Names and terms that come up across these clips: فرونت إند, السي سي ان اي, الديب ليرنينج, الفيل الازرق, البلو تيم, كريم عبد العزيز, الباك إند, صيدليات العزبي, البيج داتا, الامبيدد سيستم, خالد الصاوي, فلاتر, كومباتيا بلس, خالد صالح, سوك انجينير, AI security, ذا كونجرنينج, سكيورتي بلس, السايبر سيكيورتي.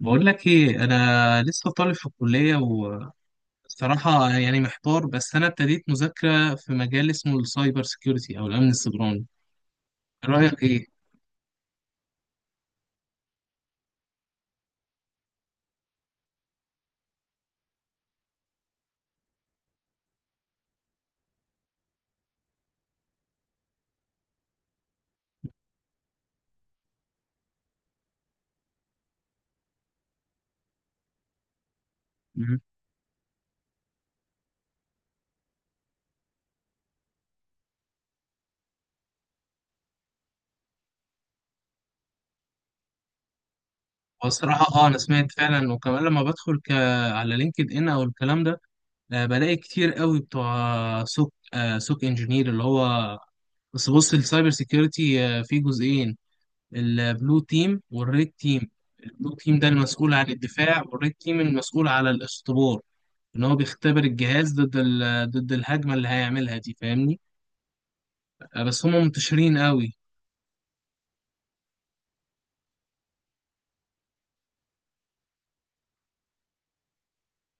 بقول لك ايه، انا لسه طالب في الكليه. وصراحه يعني محتار، بس انا ابتديت مذاكره في مجال اسمه السايبر سيكيورتي او الامن السيبراني. رايك ايه؟ مم. والصراحه اه انا سمعت فعلا، وكمان لما بدخل على لينكد ان او الكلام ده. بلاقي كتير قوي بتوع سوك انجينير اللي هو. بس بص، السايبر سيكيورتي فيه جزئين، البلو تيم والريد تيم. البلو تيم ده المسؤول عن الدفاع، والريد تيم المسؤول على الاختبار، ان هو بيختبر الجهاز ضد الهجمه اللي هيعملها دي. فاهمني؟ بس هم منتشرين قوي.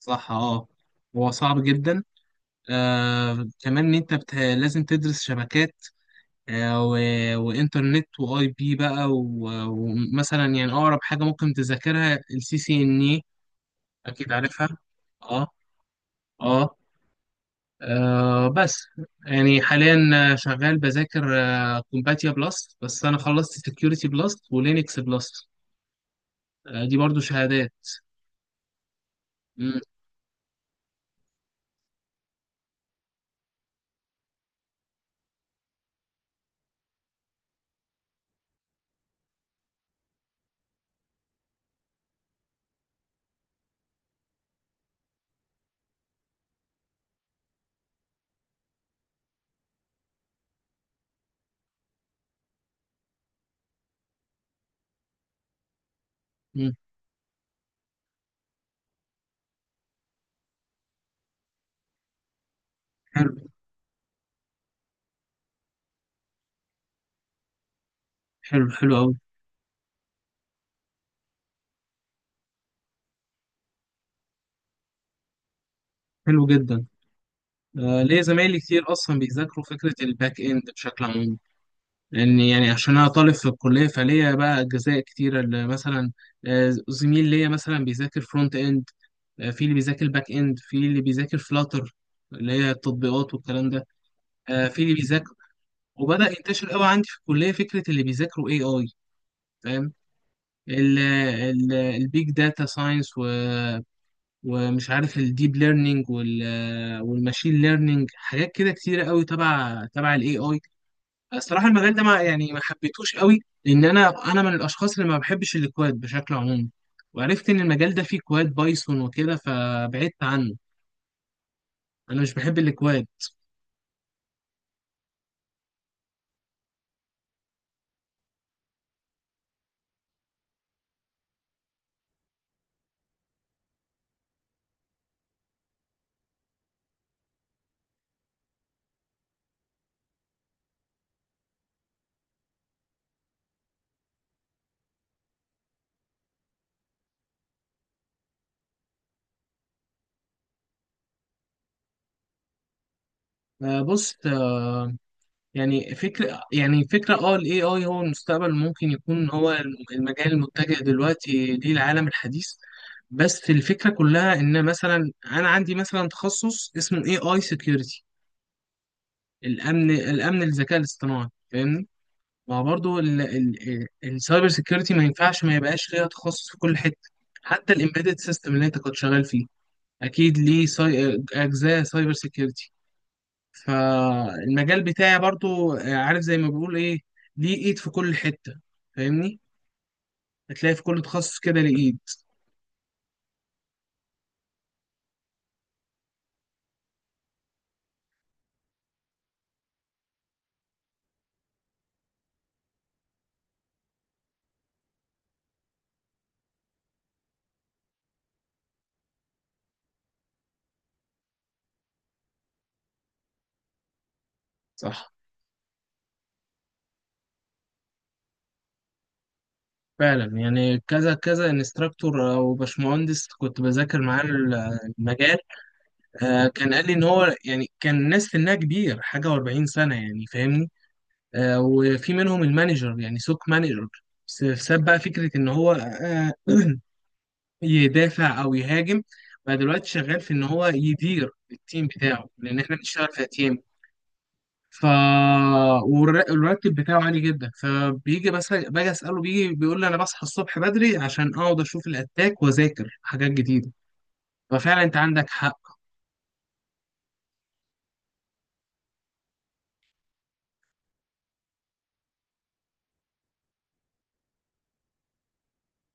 صح اه، هو صعب جدا. كمان ان انت لازم تدرس شبكات و... وانترنت واي بي بقى، و... ومثلا يعني اقرب حاجه ممكن تذاكرها السي سي ان اي. اكيد عارفها. اه. اه. بس يعني حاليا شغال بذاكر كومباتيا بلس، بس انا خلصت سكيورتي بلس ولينكس بلس. دي برضو شهادات. مم. مم. حلو. حلو، حلو أوي. حلو جدا. ليه زمايلي كتير أصلا بيذاكروا فكرة الباك إند بشكل عام، لأن يعني عشان أنا طالب في الكلية فليا بقى أجزاء كتيرة اللي مثلا زميل ليا مثلا بيذاكر فرونت إند، في اللي بيذاكر باك إند، في اللي بيذاكر فلاتر اللي هي التطبيقات والكلام ده. في اللي بيذاكر، وبدأ ينتشر قوي عندي في الكلية، فكرة اللي بيذاكروا AI. فاهم؟ البيج داتا ساينس، ومش عارف الديب ليرنينج والماشين ليرنينج، حاجات كده كتيره قوي تبع الاي اي. الصراحه المجال ده ما حبيتهوش قوي، لان انا من الاشخاص اللي ما بحبش الكواد بشكل عمومي، وعرفت ان المجال ده فيه كواد بايثون وكده، فبعدت عنه. انا مش بحب الكواد. بص، يعني فكرة اه ال AI هو المستقبل، ممكن يكون هو المجال المتجه دلوقتي للعالم الحديث. بس الفكرة كلها ان مثلا انا عندي مثلا تخصص اسمه AI security، الامن الذكاء الاصطناعي. فاهمني؟ ما برضه السايبر security ما ينفعش ما يبقاش ليها تخصص في كل حتة، حتى الامبيدد سيستم اللي انت كنت شغال فيه اكيد ليه اجزاء سايبر security. فالمجال بتاعي برضو، عارف زي ما بيقول ايه، ليه ايد في كل حتة. فاهمني؟ هتلاقي في كل تخصص كده ليه ايد. صح، فعلا. يعني كذا كذا انستراكتور او باشمهندس كنت بذاكر معاه المجال، كان قال لي ان هو يعني كان الناس سنها كبير حاجه و40 سنه يعني. فاهمني؟ وفي منهم المانجر، يعني سوق مانجر. بس ساب بقى فكره ان هو يدافع او يهاجم، بقى دلوقتي شغال في ان هو يدير التيم بتاعه لان احنا بنشتغل في اتيام. ف والر- والراتب بتاعه عالي جدا، فبيجي بس باجي اساله بيجي بيقول لي انا بصحى الصبح بدري عشان اقعد اشوف الاتاك واذاكر حاجات جديده. ففعلا انت عندك حق.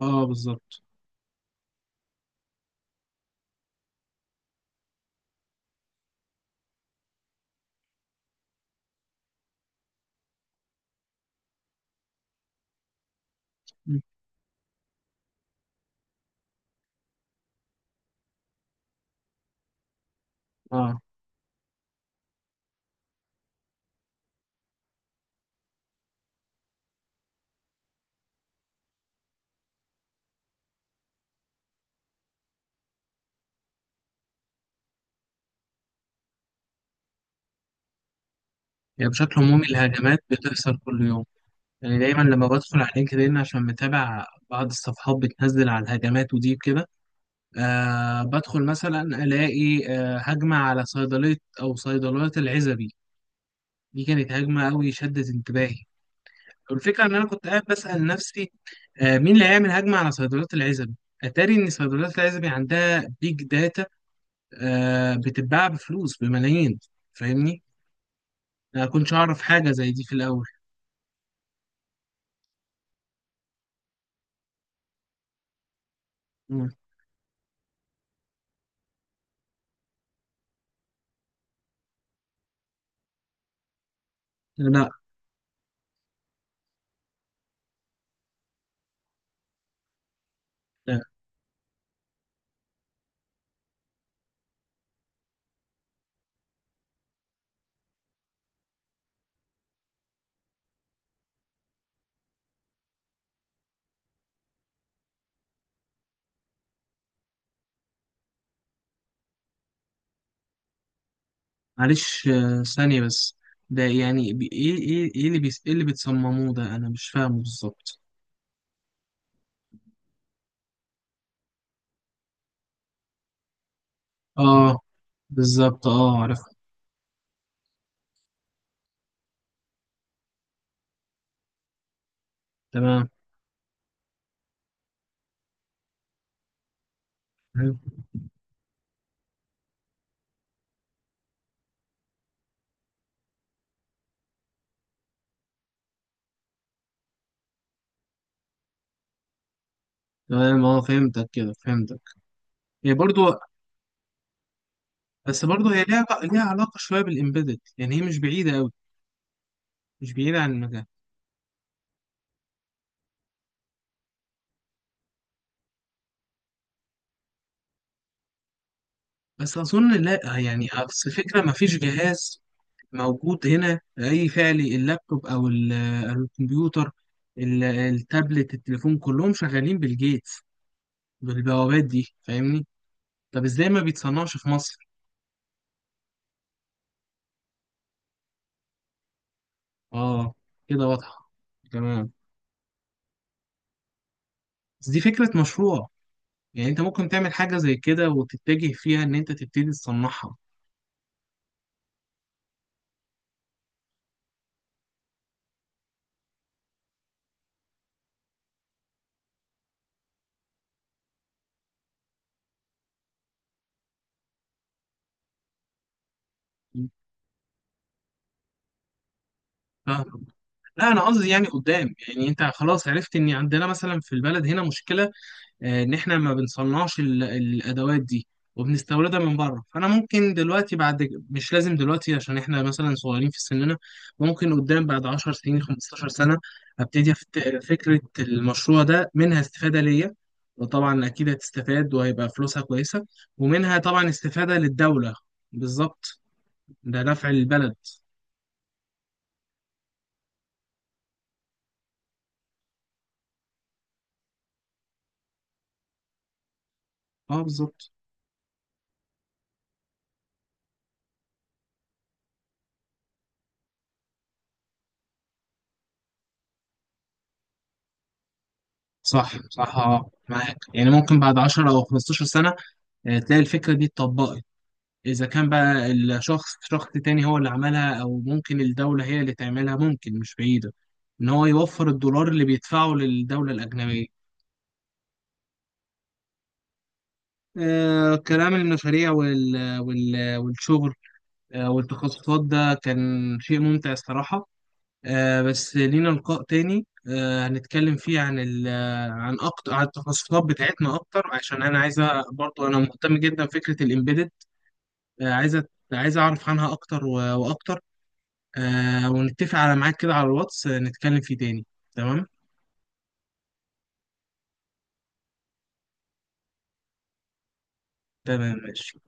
اه بالظبط. م. اه، يعني بشكل عمومي الهجمات بتحصل كل يوم. يعني دايما لما بدخل على لينكدين، عشان متابع بعض الصفحات بتنزل على الهجمات ودي كده، بدخل مثلا الاقي هجمه على صيدليه او صيدليات العزبي. دي كانت هجمه قوي شدت انتباهي، والفكره ان انا كنت قاعد بسال نفسي مين اللي هيعمل هجمه على صيدليات العزبي؟ اتاري ان صيدليات العزبي عندها بيج داتا، بتتباع بفلوس بملايين. فاهمني؟ ما كنتش اعرف حاجه زي دي في الاول. مم. لا، لا. معلش، ثانيه بس. ده يعني ايه اللي ايه اللي بتصمموه ده؟ انا مش فاهمه بالظبط. اه بالظبط، اه عرفت. تمام. حلو. تمام، اه فهمتك كده، فهمتك. هي برضو، بس برضو هي ليها علاقة شوية بالإمبيدد، يعني هي مش بعيدة أوي. مش بعيدة عن المجال، بس أظن لا، يعني أصل الفكرة مفيش جهاز موجود هنا أي فعلي، اللابتوب أو الكمبيوتر، التابلت، التليفون، كلهم شغالين بالجيتس، بالبوابات دي. فاهمني؟ طب إزاي ما بيتصنعش في مصر؟ اه، كده واضحة. تمام. بس دي فكرة مشروع، يعني انت ممكن تعمل حاجة زي كده وتتجه فيها ان انت تبتدي تصنعها. فاهم؟ لا انا قصدي يعني قدام، يعني انت خلاص عرفت ان عندنا مثلا في البلد هنا مشكلة، ان احنا ما بنصنعش الادوات دي وبنستوردها من بره. فانا ممكن دلوقتي، بعد، مش لازم دلوقتي عشان احنا مثلا صغيرين في سننا، ممكن قدام بعد 10 سنين 15 سنه ابتدي فكره المشروع ده منها استفاده ليا، وطبعا اكيد هتستفاد وهيبقى فلوسها كويسه، ومنها طبعا استفاده للدوله. بالظبط، ده نفع البلد. اه بالظبط. صح، صح، اه معاك. يعني ممكن بعد 10 او 15 سنه تلاقي الفكره دي اتطبقت، إذا كان بقى الشخص شخص تاني هو اللي عملها، أو ممكن الدولة هي اللي تعملها، ممكن مش بعيدة إن هو يوفر الدولار اللي بيدفعه للدولة الأجنبية. كلام المشاريع والشغل والتخصصات ده كان شيء ممتع الصراحة. بس لينا لقاء تاني هنتكلم فيه عن أكتر، عن التخصصات بتاعتنا أكتر، عشان أنا عايزة برضو أنا مهتم جدا بفكرة الإمبيدد. آه عايزة عايز أعرف عنها أكتر و- وأكتر. ونتفق على ميعاد كده على الواتس، نتكلم فيه تاني. تمام. تمام، ماشي.